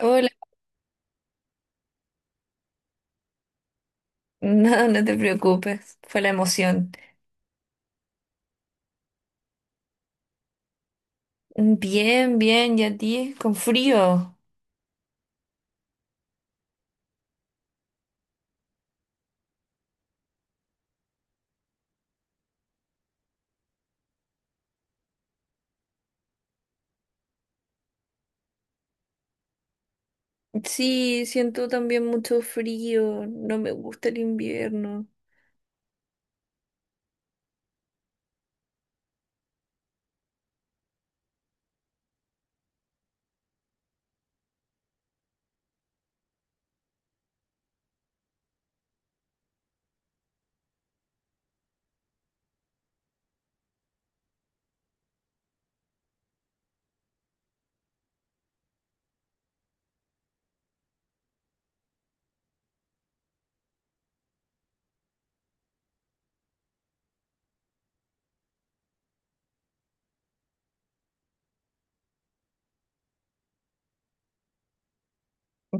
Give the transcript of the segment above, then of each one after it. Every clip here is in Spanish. Hola, no, no te preocupes, fue la emoción. Bien, bien, ¿y a ti? Con frío. Sí, siento también mucho frío, no me gusta el invierno.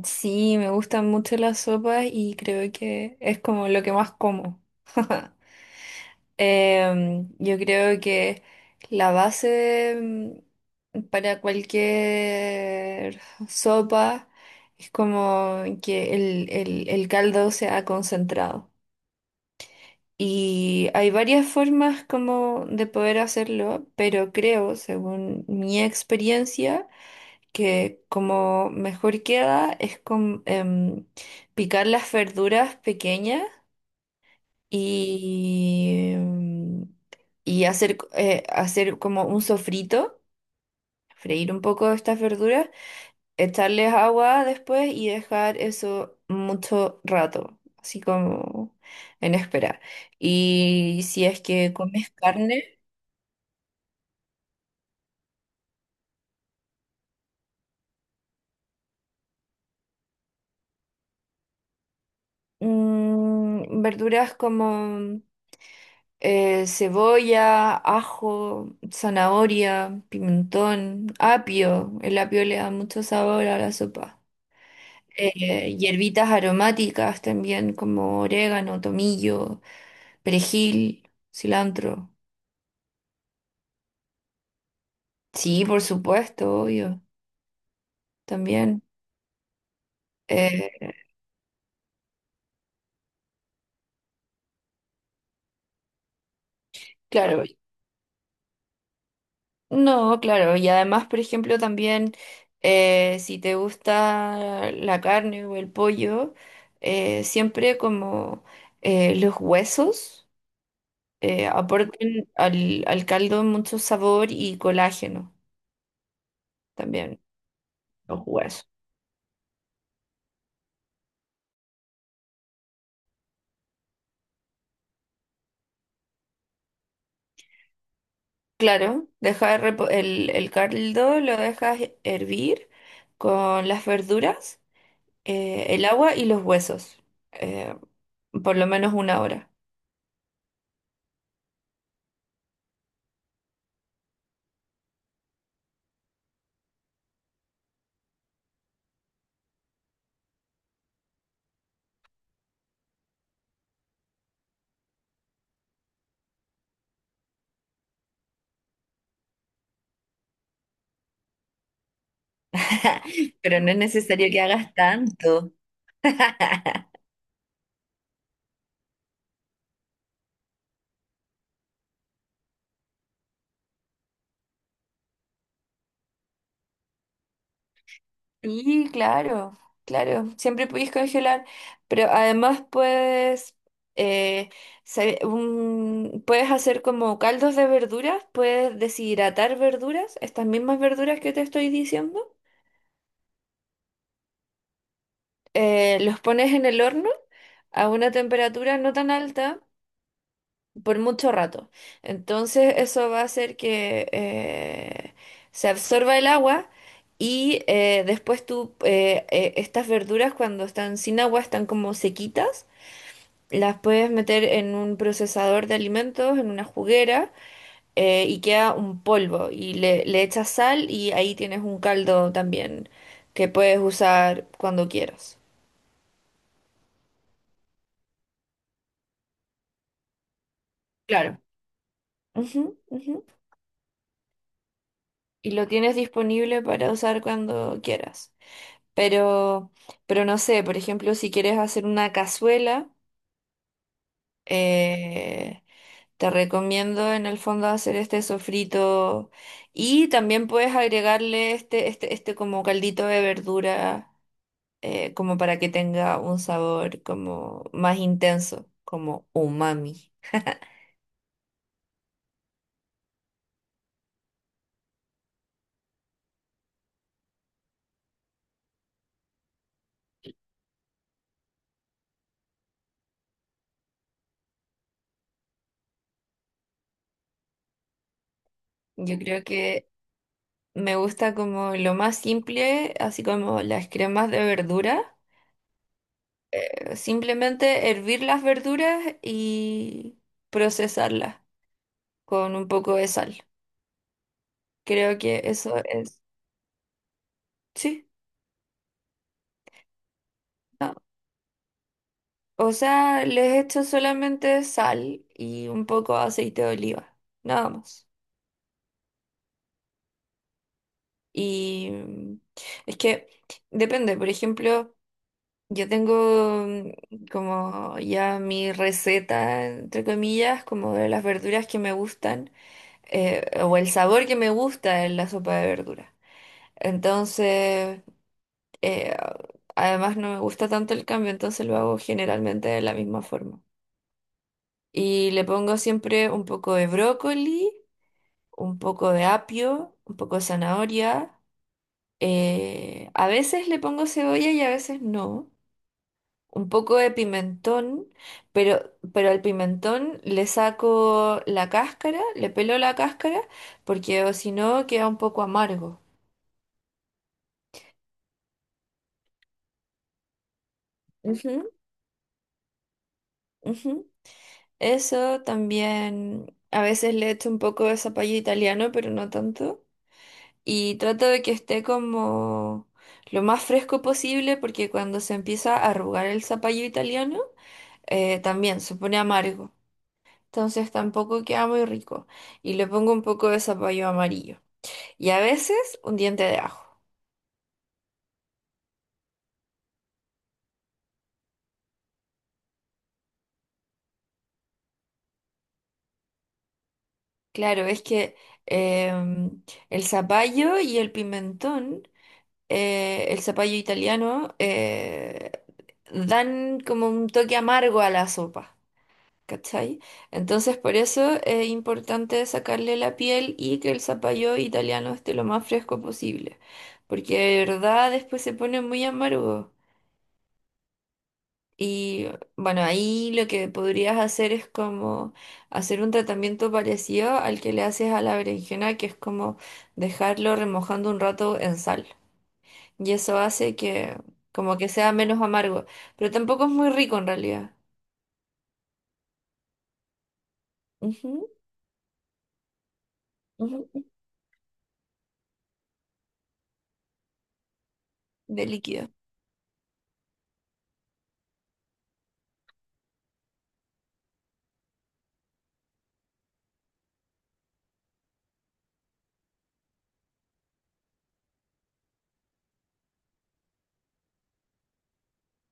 Sí, me gustan mucho las sopas y creo que es como lo que más como. Yo creo que la base para cualquier sopa es como que el caldo sea concentrado. Y hay varias formas como de poder hacerlo, pero creo, según mi experiencia, que como mejor queda es con picar las verduras pequeñas y, y hacer como un sofrito, freír un poco estas verduras, echarles agua después y dejar eso mucho rato, así como en espera. Y si es que comes carne, verduras como cebolla, ajo, zanahoria, pimentón, apio. El apio le da mucho sabor a la sopa. Hierbitas aromáticas también como orégano, tomillo, perejil, cilantro. Sí, por supuesto, obvio. También, eh, claro, no, claro, y además, por ejemplo, también si te gusta la carne o el pollo, siempre como los huesos aportan al caldo mucho sabor y colágeno también, los huesos. Claro, el caldo lo dejas hervir con las verduras, el agua y los huesos, eh, por lo menos una hora. Pero no es necesario que hagas tanto. Sí, claro, claro, siempre puedes congelar, pero además puedes, eh, puedes hacer como caldos de verduras, puedes deshidratar verduras, estas mismas verduras que te estoy diciendo, los pones en el horno a una temperatura no tan alta por mucho rato. Entonces eso va a hacer que se absorba el agua y estas verduras cuando están sin agua, están como sequitas, las puedes meter en un procesador de alimentos, en una juguera, y queda un polvo y le echas sal y ahí tienes un caldo también que puedes usar cuando quieras. Claro. Ujú, ujú. Y lo tienes disponible para usar cuando quieras. Pero, pero no sé, por ejemplo, si quieres hacer una cazuela, eh, te recomiendo en el fondo hacer este sofrito y también puedes agregarle este como caldito de verdura, como para que tenga un sabor como más intenso, como umami. Yo creo que me gusta como lo más simple, así como las cremas de verdura. Simplemente hervir las verduras y procesarlas con un poco de sal. Creo que eso es, sí, no. O sea, les echo solamente sal y un poco de aceite de oliva, nada más. Y es que depende, por ejemplo, yo tengo como ya mi receta, entre comillas, como de las verduras que me gustan, o el sabor que me gusta en la sopa de verduras. Entonces, eh, además no me gusta tanto el cambio, entonces lo hago generalmente de la misma forma. Y le pongo siempre un poco de brócoli, un poco de apio, un poco de zanahoria. A veces le pongo cebolla y a veces no. Un poco de pimentón, pero al pimentón le saco la cáscara, le pelo la cáscara, porque o si no queda un poco amargo. Ujú, ujú. Eso también a veces le echo un poco de zapallo italiano, pero no tanto. Y trato de que esté como lo más fresco posible porque cuando se empieza a arrugar el zapallo italiano, también se pone amargo. Entonces tampoco queda muy rico. Y le pongo un poco de zapallo amarillo. Y a veces un diente de ajo. Claro, es que em, el zapallo y el pimentón, el zapallo italiano, dan como un toque amargo a la sopa, ¿cachai? Entonces por eso es importante sacarle la piel y que el zapallo italiano esté lo más fresco posible, porque de verdad después se pone muy amargo. Y bueno, ahí lo que podrías hacer es como hacer un tratamiento parecido al que le haces a la berenjena, que es como dejarlo remojando un rato en sal y eso hace que como que sea menos amargo, pero tampoco es muy rico en realidad. Ujú, ujú, ujú, de líquido.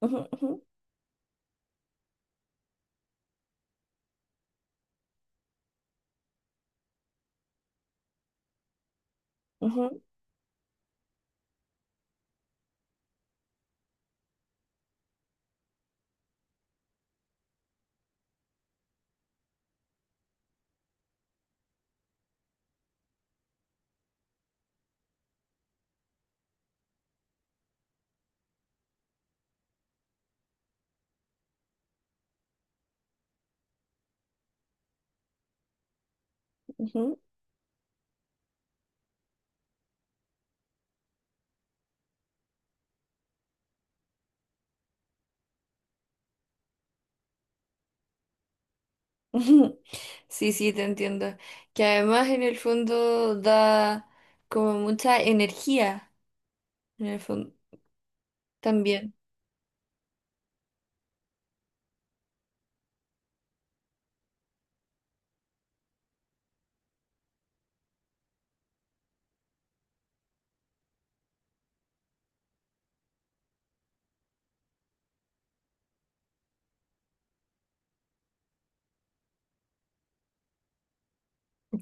Ujú, ujú, ujú, ujú, ujú. Sí, sí, te entiendo. Que además en el fondo da como mucha energía, en el fondo también.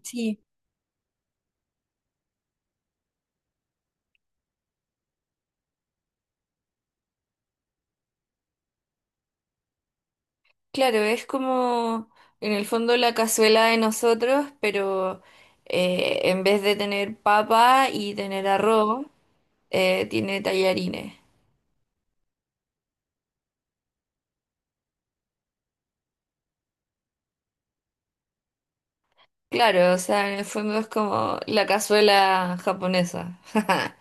Sí, claro, es como en el fondo la cazuela de nosotros, pero en vez de tener papa y tener arroz, tiene tallarines. Claro, o sea, en el fondo es como la cazuela japonesa.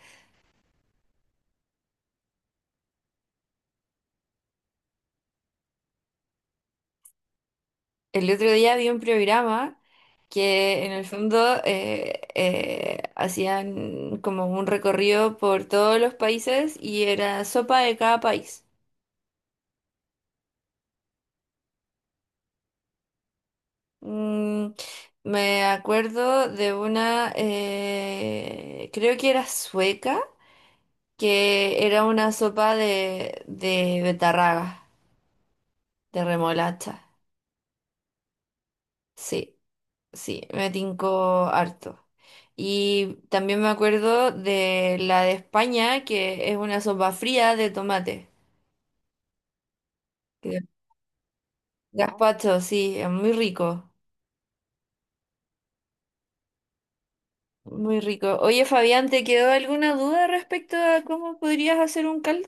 El otro día vi un programa que en el fondo hacían como un recorrido por todos los países y era sopa de cada país. Mm, me acuerdo de una, creo que era sueca, que era una sopa de betarraga, de remolacha. Sí. Sí, me tincó harto. Y también me acuerdo de la de España, que es una sopa fría de tomate. Que- Gazpacho, sí, es muy rico, muy rico. Oye, Fabián, ¿te quedó alguna duda respecto a cómo podrías hacer un caldo?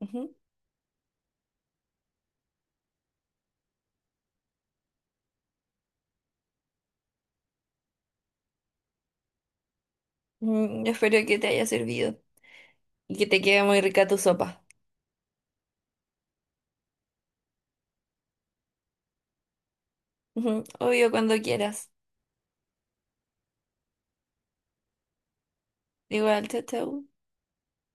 Ujú. Espero que te haya servido y que te quede muy rica tu sopa. Ujú. Obvio, cuando quieras. Igual, chao, chao.